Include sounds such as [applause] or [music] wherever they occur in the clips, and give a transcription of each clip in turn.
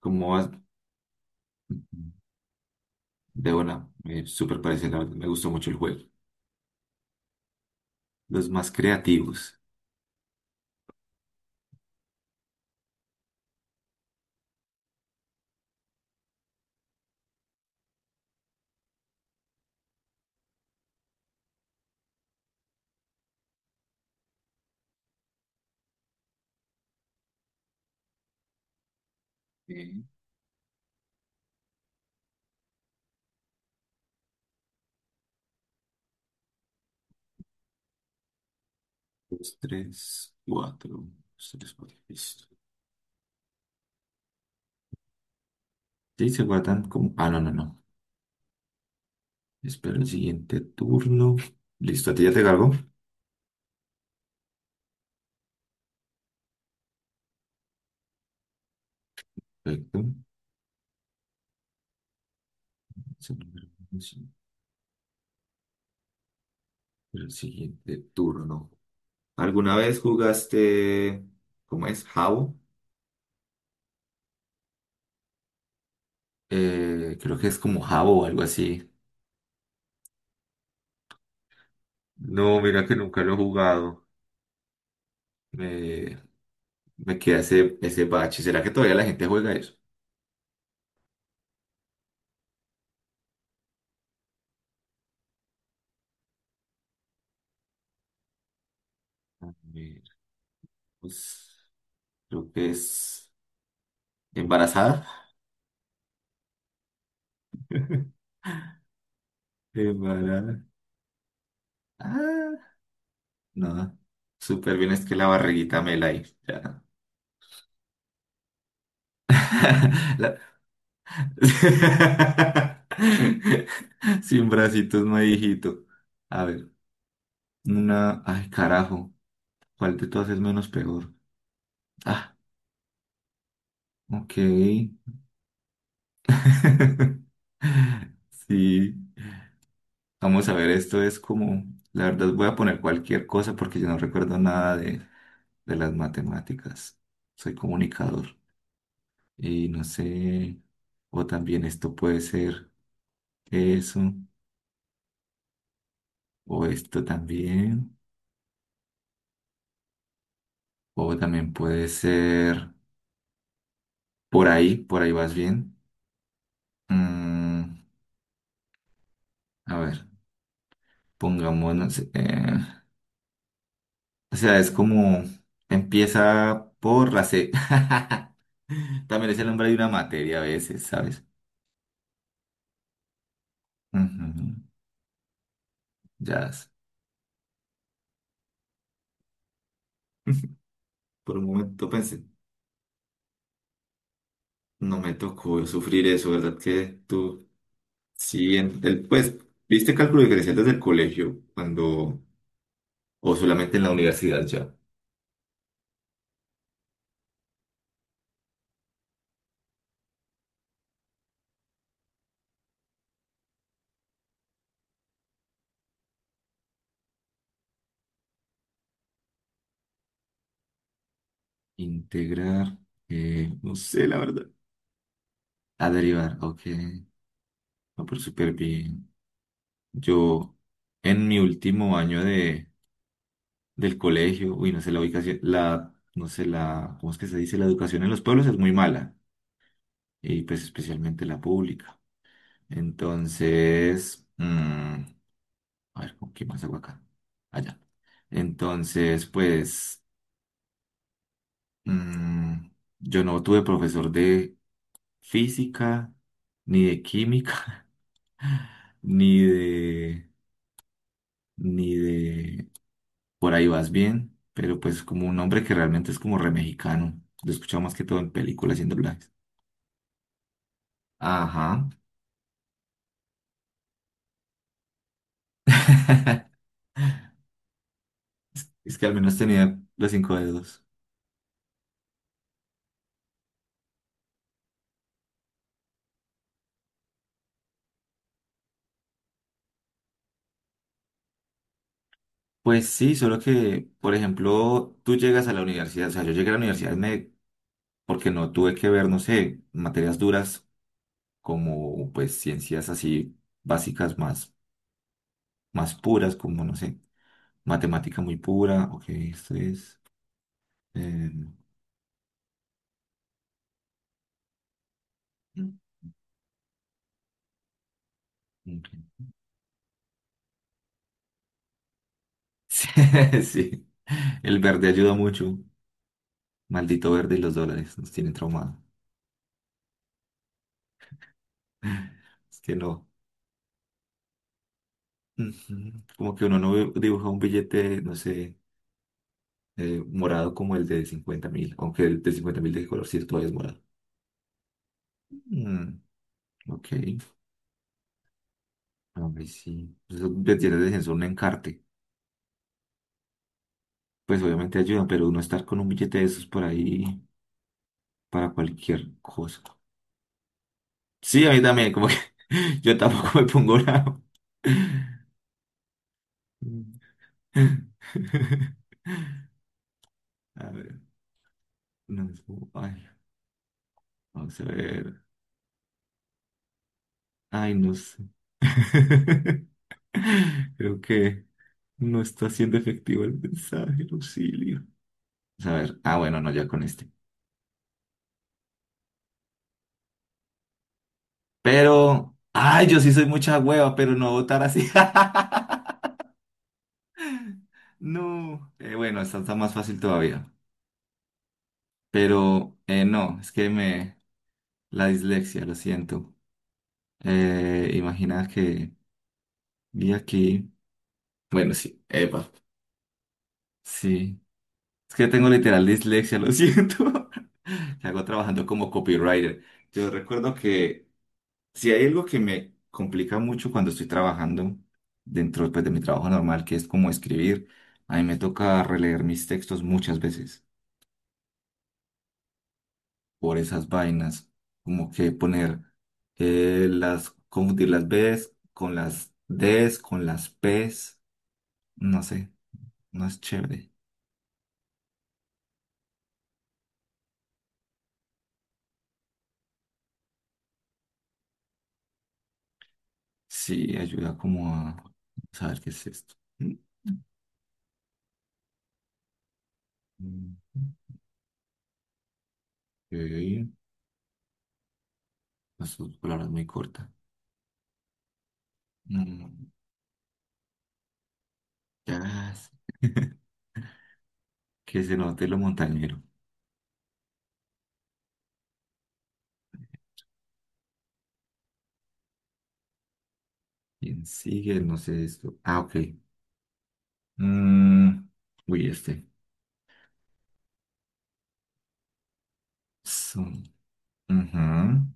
¿Como vas? De una, súper parecido, la verdad, me gustó mucho el juego. Los más creativos. Eh, Dos, tres, cuatro. Dos, tres, cuatro. Listo. Sí, se guardan como. Ah, no, no, no. Espero el siguiente turno. Listo, a ti ya te cargo. Perfecto. Es el número uno, sí. Espero el siguiente turno. ¿Alguna vez jugaste? ¿Cómo es? ¿Jabo? Creo que es como Jabo o algo así. No, mira que nunca lo he jugado. Eh, Me queda ese bache. ¿Será que todavía la gente juega eso? A ver, pues creo que es embarazada. Embarazada. Ah, no. Súper bien, es que la barriguita me la hizo. Ya. [laughs] La- [laughs] Sin bracitos no hay hijito. A ver, una. Ay, carajo. ¿Cuál de todas es menos peor? Ah, ok. [laughs] Sí. Vamos a ver, esto es como, la verdad voy a poner cualquier cosa porque yo no recuerdo nada de las matemáticas. Soy comunicador y no sé, o también esto puede ser eso, o esto también, o también puede ser por ahí vas bien. Mm, a ver, pongámonos, o sea, es como empieza por la C. [laughs] También es el nombre de una materia a veces, ¿sabes? Ujú. Ya, [laughs] por un momento pensé, no me tocó sufrir eso, ¿verdad? Que tú, sí, en el, pues, ¿viste cálculo diferencial desde el colegio cuando, o solamente en la universidad ya? Integrar, no sé, la verdad. A derivar, ok. No, pero súper bien. Yo, en mi último año de, del colegio, uy, no sé, la ubicación, la, no sé, la, ¿cómo es que se dice? La educación en los pueblos es muy mala, y pues especialmente la pública. Entonces, a ver, ¿con qué más hago acá? Allá. Entonces, pues, mm, yo no tuve profesor de física, ni de química, [laughs] ni de, ni de, por ahí vas bien, pero pues como un hombre que realmente es como re mexicano. Lo escuchaba más que todo en películas y en doblajes. Ajá. [laughs] Es que al menos tenía los cinco dedos. Pues sí, solo que, por ejemplo, tú llegas a la universidad, o sea, yo llegué a la universidad porque no tuve que ver, no sé, materias duras como pues ciencias así básicas más puras, como, no sé, matemática muy pura, ok, esto es... eh, ok. [laughs] Sí, sí, el verde ayuda mucho, maldito verde y los dólares nos tienen traumado. [laughs] Es que no, ujú, como que uno no dibuja un billete, no sé. Morado como el de 50.000, aunque el de 50.000 de qué color sí todavía es morado. Mm, ok, a ver si. Eso le tiene de censo un encarte. Pues obviamente ayudan, pero uno estar con un billete de esos por ahí para cualquier cosa. Sí, a mí también, como que [laughs] yo tampoco me pongo bravo. [laughs] A ver, no, es ay, vamos a ver. Ay, no sé. [laughs] Creo que no está siendo efectivo el mensaje, Lucilio. A ver, ah, bueno, no, ya con este. Pero, ay, yo sí soy mucha hueva, pero no votar así. [laughs] No. Bueno, esta está más fácil todavía. Pero, no, es que me... La dislexia, lo siento. Imagina que vi aquí... Bueno, sí, Eva. Sí. Es que tengo literal dislexia, lo siento. [laughs] Que hago trabajando como copywriter. Yo recuerdo que si hay algo que me complica mucho cuando estoy trabajando dentro pues, de mi trabajo normal, que es como escribir, a mí me toca releer mis textos muchas veces por esas vainas, como que poner confundir las Bs con las Ds, con las Ps, no sé, no es chévere. Sí, ayuda como a saber qué es esto. Mm, Ok, las palabras muy cortas. Mm, ya, [laughs] que se note lo montañero. ¿Quién sigue? No sé esto. Ah, ok. Mm, Uy, este. Son- Ujú.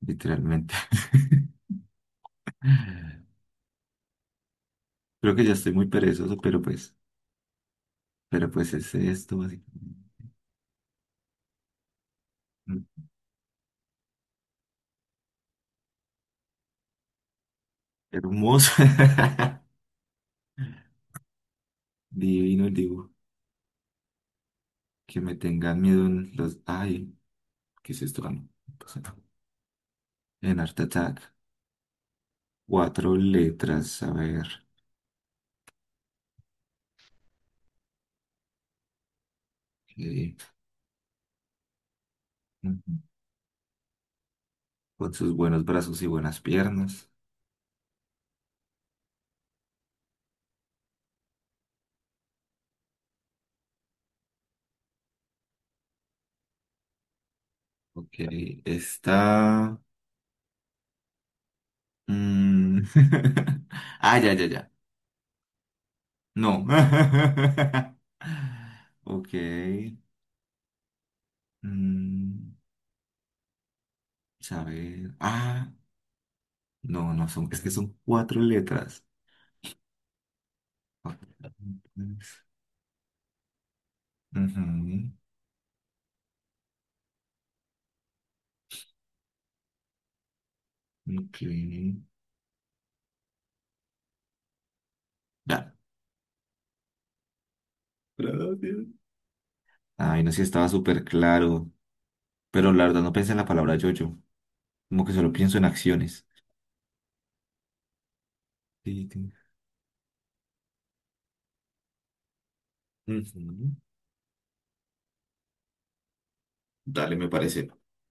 Literalmente. [laughs] Creo que ya estoy muy perezoso, pero pues, es esto, básicamente. Mm, Hermoso. [laughs] Divino el dibujo. Que me tengan miedo en los. Ay, ¿qué es esto? Ah, no, no pasa nada. En Art Attack. Cuatro letras. A ver. Ok. Ujú. Con sus buenos brazos y buenas piernas. Ok. Está. Mm. [laughs] Ah, ya, ya, ya. No. [laughs] Ok. Mm, Saber. Ah, no, no son. Es que son cuatro letras. Cuatro letras. Ujú. Ok. Ya. Gracias. Ay, no sé si estaba súper claro. Pero la verdad no pensé en la palabra yo-yo. Como que solo pienso en acciones. Sí, sí. Ujú. Dale, me parece.